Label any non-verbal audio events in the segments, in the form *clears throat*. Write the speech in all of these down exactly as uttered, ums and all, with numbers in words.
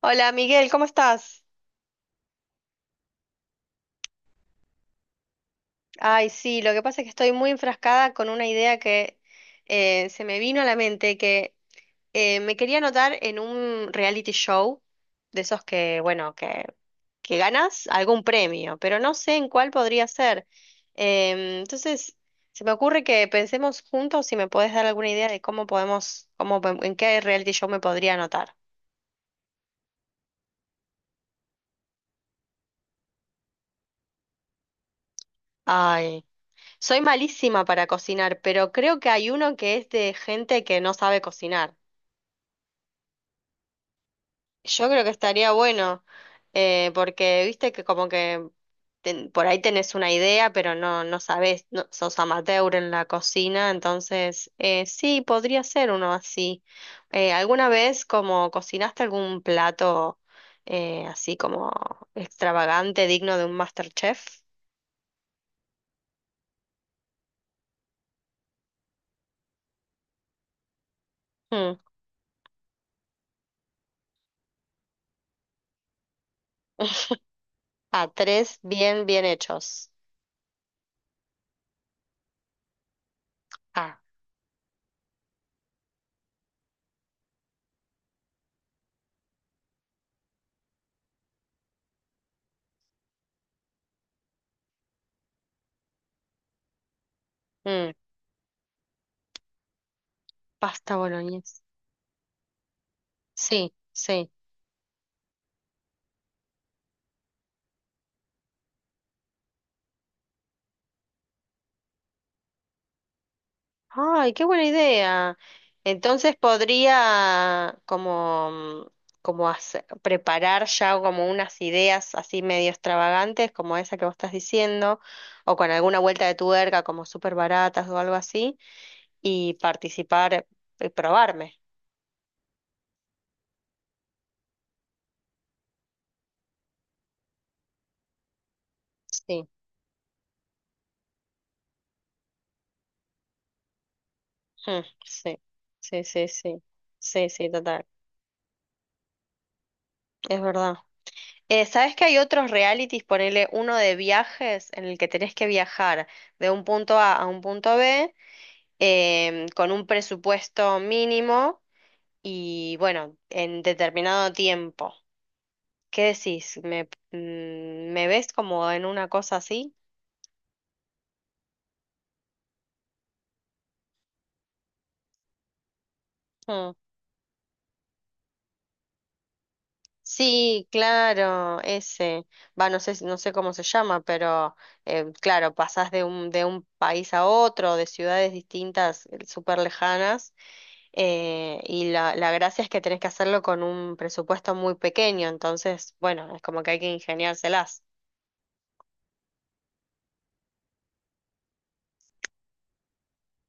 Hola Miguel, ¿cómo estás? Ay, sí, lo que pasa es que estoy muy enfrascada con una idea que eh, se me vino a la mente, que eh, me quería anotar en un reality show, de esos que, bueno, que, que ganas algún premio, pero no sé en cuál podría ser. Em, entonces, se me ocurre que pensemos juntos si me podés dar alguna idea de cómo podemos, cómo, en qué reality show me podría anotar. Ay. Soy malísima para cocinar, pero creo que hay uno que es de gente que no sabe cocinar. Yo creo que estaría bueno, eh, porque viste que como que ten- por ahí tenés una idea, pero no, no sabés, no- sos amateur en la cocina, entonces eh, sí, podría ser uno así. Eh, ¿alguna vez como cocinaste algún plato eh, así como extravagante, digno de un MasterChef? Mm. *laughs* A tres bien, bien hechos. Ah. Mm. Pasta boloñesa. Sí, sí. Ay, qué buena idea. Entonces podría como, mm, como hace- preparar ya como unas ideas así medio extravagantes, como esa que vos estás diciendo, o con alguna vuelta de tuerca, como súper baratas o algo así, y participar y probarme. Sí, mm, sí, sí, sí, sí, sí, sí, total. Es verdad. Eh, ¿sabes que hay otros realities? Ponele uno de viajes en el que tenés que viajar de un punto A a un punto B em, con un presupuesto mínimo y bueno, en determinado tiempo. ¿Qué decís? ¿Me, mm, ¿me ves como en una cosa así? Mm. Sí, claro, ese. Va, no sé, si- no sé cómo se llama, pero eh, claro, pasás de un, de un país a otro, de ciudades distintas, súper lejanas. Eh, y la, la gracia es que tenés que hacerlo con un presupuesto muy pequeño, entonces, bueno, es como que hay que ingeniárselas.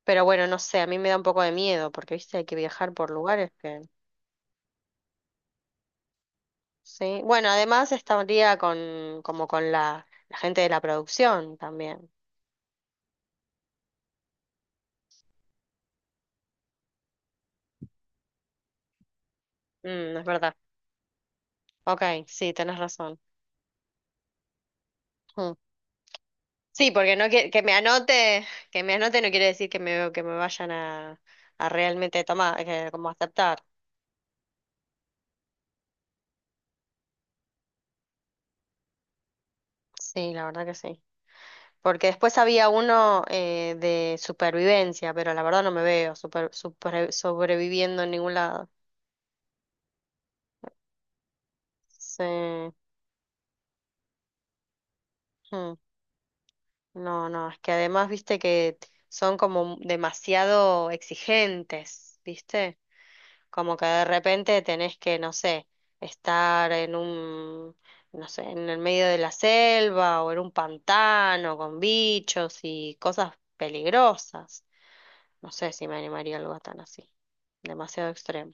Pero bueno, no sé, a mí me da un poco de miedo, porque, viste, hay que viajar por lugares que... Sí. Bueno, además estaría con, como con la, la gente de la producción también. Mm, es verdad. Ok, sí, tenés razón. Mm. Sí, porque no que, que me anote, que me anote no quiere decir que me, que me vayan a, a realmente tomar, que, como aceptar. Sí, la verdad que sí. Porque después había uno eh, de supervivencia, pero la verdad no me veo super- supre- sobreviviendo en ningún lado. Sí. Mm. No, no, es que además, viste que son como demasiado exigentes, viste, como que de repente tenés que, no sé, estar en un, no sé, en el medio de la selva o en un pantano con bichos y cosas peligrosas. No sé si me animaría a algo tan así, demasiado extremo.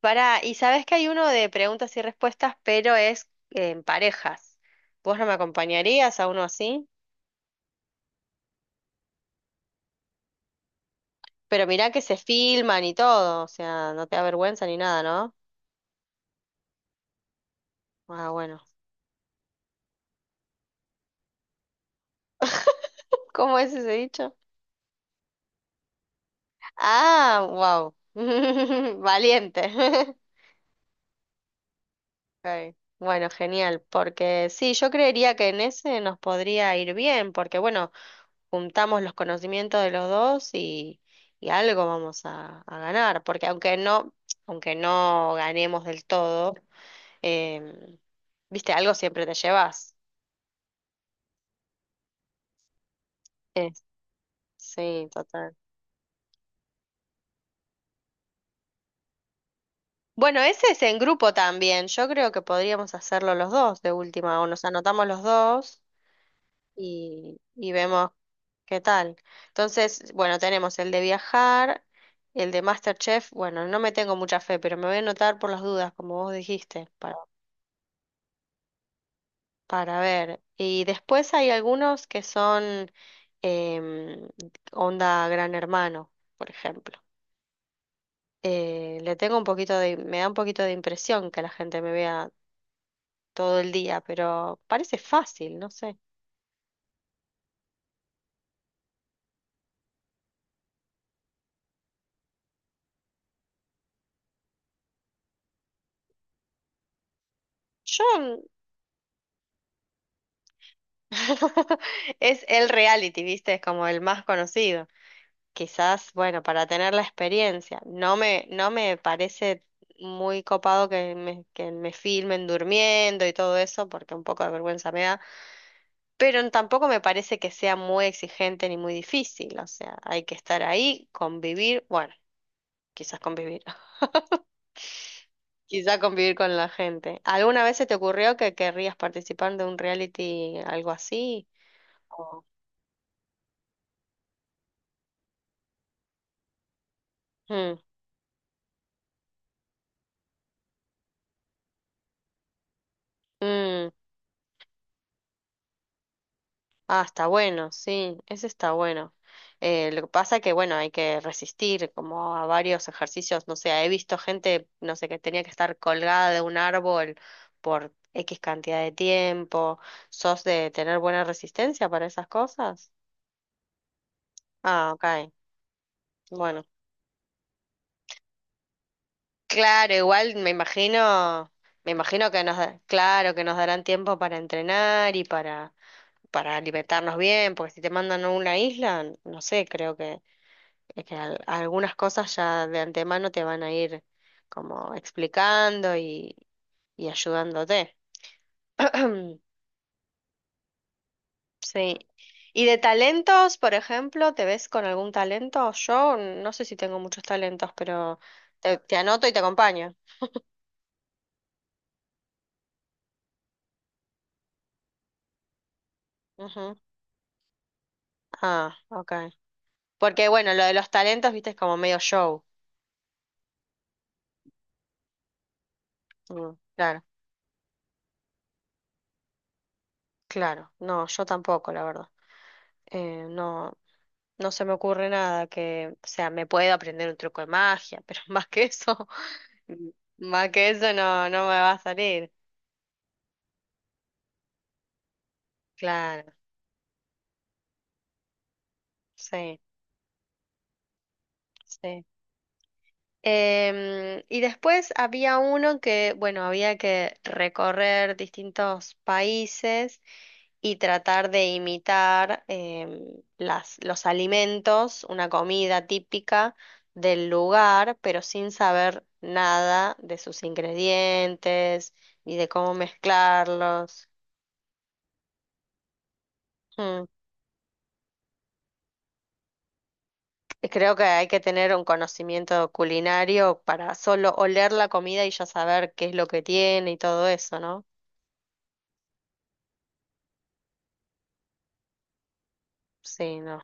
Pará, y sabes que hay uno de preguntas y respuestas, pero es eh, en parejas. ¿Vos no me acompañarías a uno así? Pero mirá que se filman y todo, o sea, no te da vergüenza ni nada, ¿no? Ah, bueno. *laughs* ¿Cómo es ese dicho? Ah, wow. *laughs* Valiente. *laughs* Ok, bueno, genial, porque sí, yo creería que en ese nos podría ir bien, porque bueno, juntamos los conocimientos de los dos y, y algo vamos a, a ganar, porque aunque no, aunque no ganemos del todo, em, viste, algo siempre te llevas. Eh, sí, total. Bueno, ese es en grupo también. Yo creo que podríamos hacerlo los dos de última, o nos anotamos los dos y, y vemos qué tal. Entonces, bueno, tenemos el de viajar, el de MasterChef. Bueno, no me tengo mucha fe, pero me voy a anotar por las dudas, como vos dijiste. para para ver. Y después hay algunos que son em, onda Gran Hermano, por ejemplo. Eh, le tengo un poquito de, me da un poquito de impresión que la gente me vea todo el día, pero parece fácil, no sé. Yo *laughs* es el reality, ¿viste? Es como el más conocido. Quizás, bueno, para tener la experiencia. No me, no me parece muy copado que me, que me filmen durmiendo y todo eso, porque un poco de vergüenza me da. Pero tampoco me parece que sea muy exigente ni muy difícil, o sea, hay que estar ahí, convivir, bueno, quizás convivir, *laughs* quizás convivir con la gente. ¿Alguna vez se te ocurrió que querrías participar de un reality, algo así? O- mm, mm. Ah, está bueno, sí, ese está bueno. Eh, lo que pasa que, bueno, hay que resistir como a varios ejercicios, no sé, he visto gente, no sé, que tenía que estar colgada de un árbol por X cantidad de tiempo. ¿Sos de tener buena resistencia para esas cosas? Ah, ok, bueno. Claro, igual me imagino, me imagino que nos, da- claro, que nos darán tiempo para entrenar y para, para alimentarnos bien, porque si te mandan a una isla, no sé, creo que es que al- algunas cosas ya de antemano te van a ir como explicando y, y ayudándote. *clears throat* Sí. ¿Y de talentos, por ejemplo, te ves con algún talento? Yo no sé si tengo muchos talentos, pero te, te anoto y te acompaño. Ujú. Ah, ok. Porque bueno, lo de los talentos, viste, es como medio show. Mm, claro, claro. No, yo tampoco, la verdad. Eh, no. No se me ocurre nada que, o sea, me puedo aprender un truco de magia, pero *laughs* más que eso, *laughs* más que eso no, no me va a salir. Claro, sí, sí. Em, y después había uno que, bueno, había que recorrer distintos países y tratar de imitar em, las, los alimentos, una comida típica del lugar, pero sin saber nada de sus ingredientes ni de cómo mezclarlos. Mm, creo que hay que tener un conocimiento culinario para solo oler la comida y ya saber qué es lo que tiene y todo eso, ¿no? Sí, no.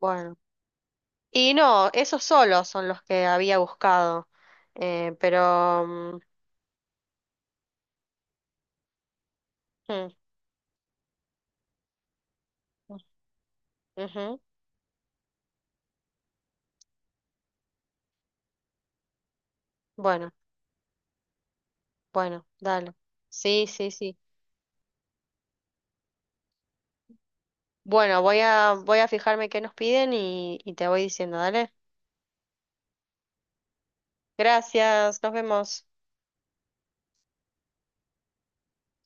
Bueno, y no, esos solos son los que había buscado, eh, pero... mm, mm, ujú, bueno, bueno, dale. Sí, sí, sí. Bueno, voy a, voy a fijarme qué nos piden y, y te voy diciendo, dale. Gracias, nos vemos.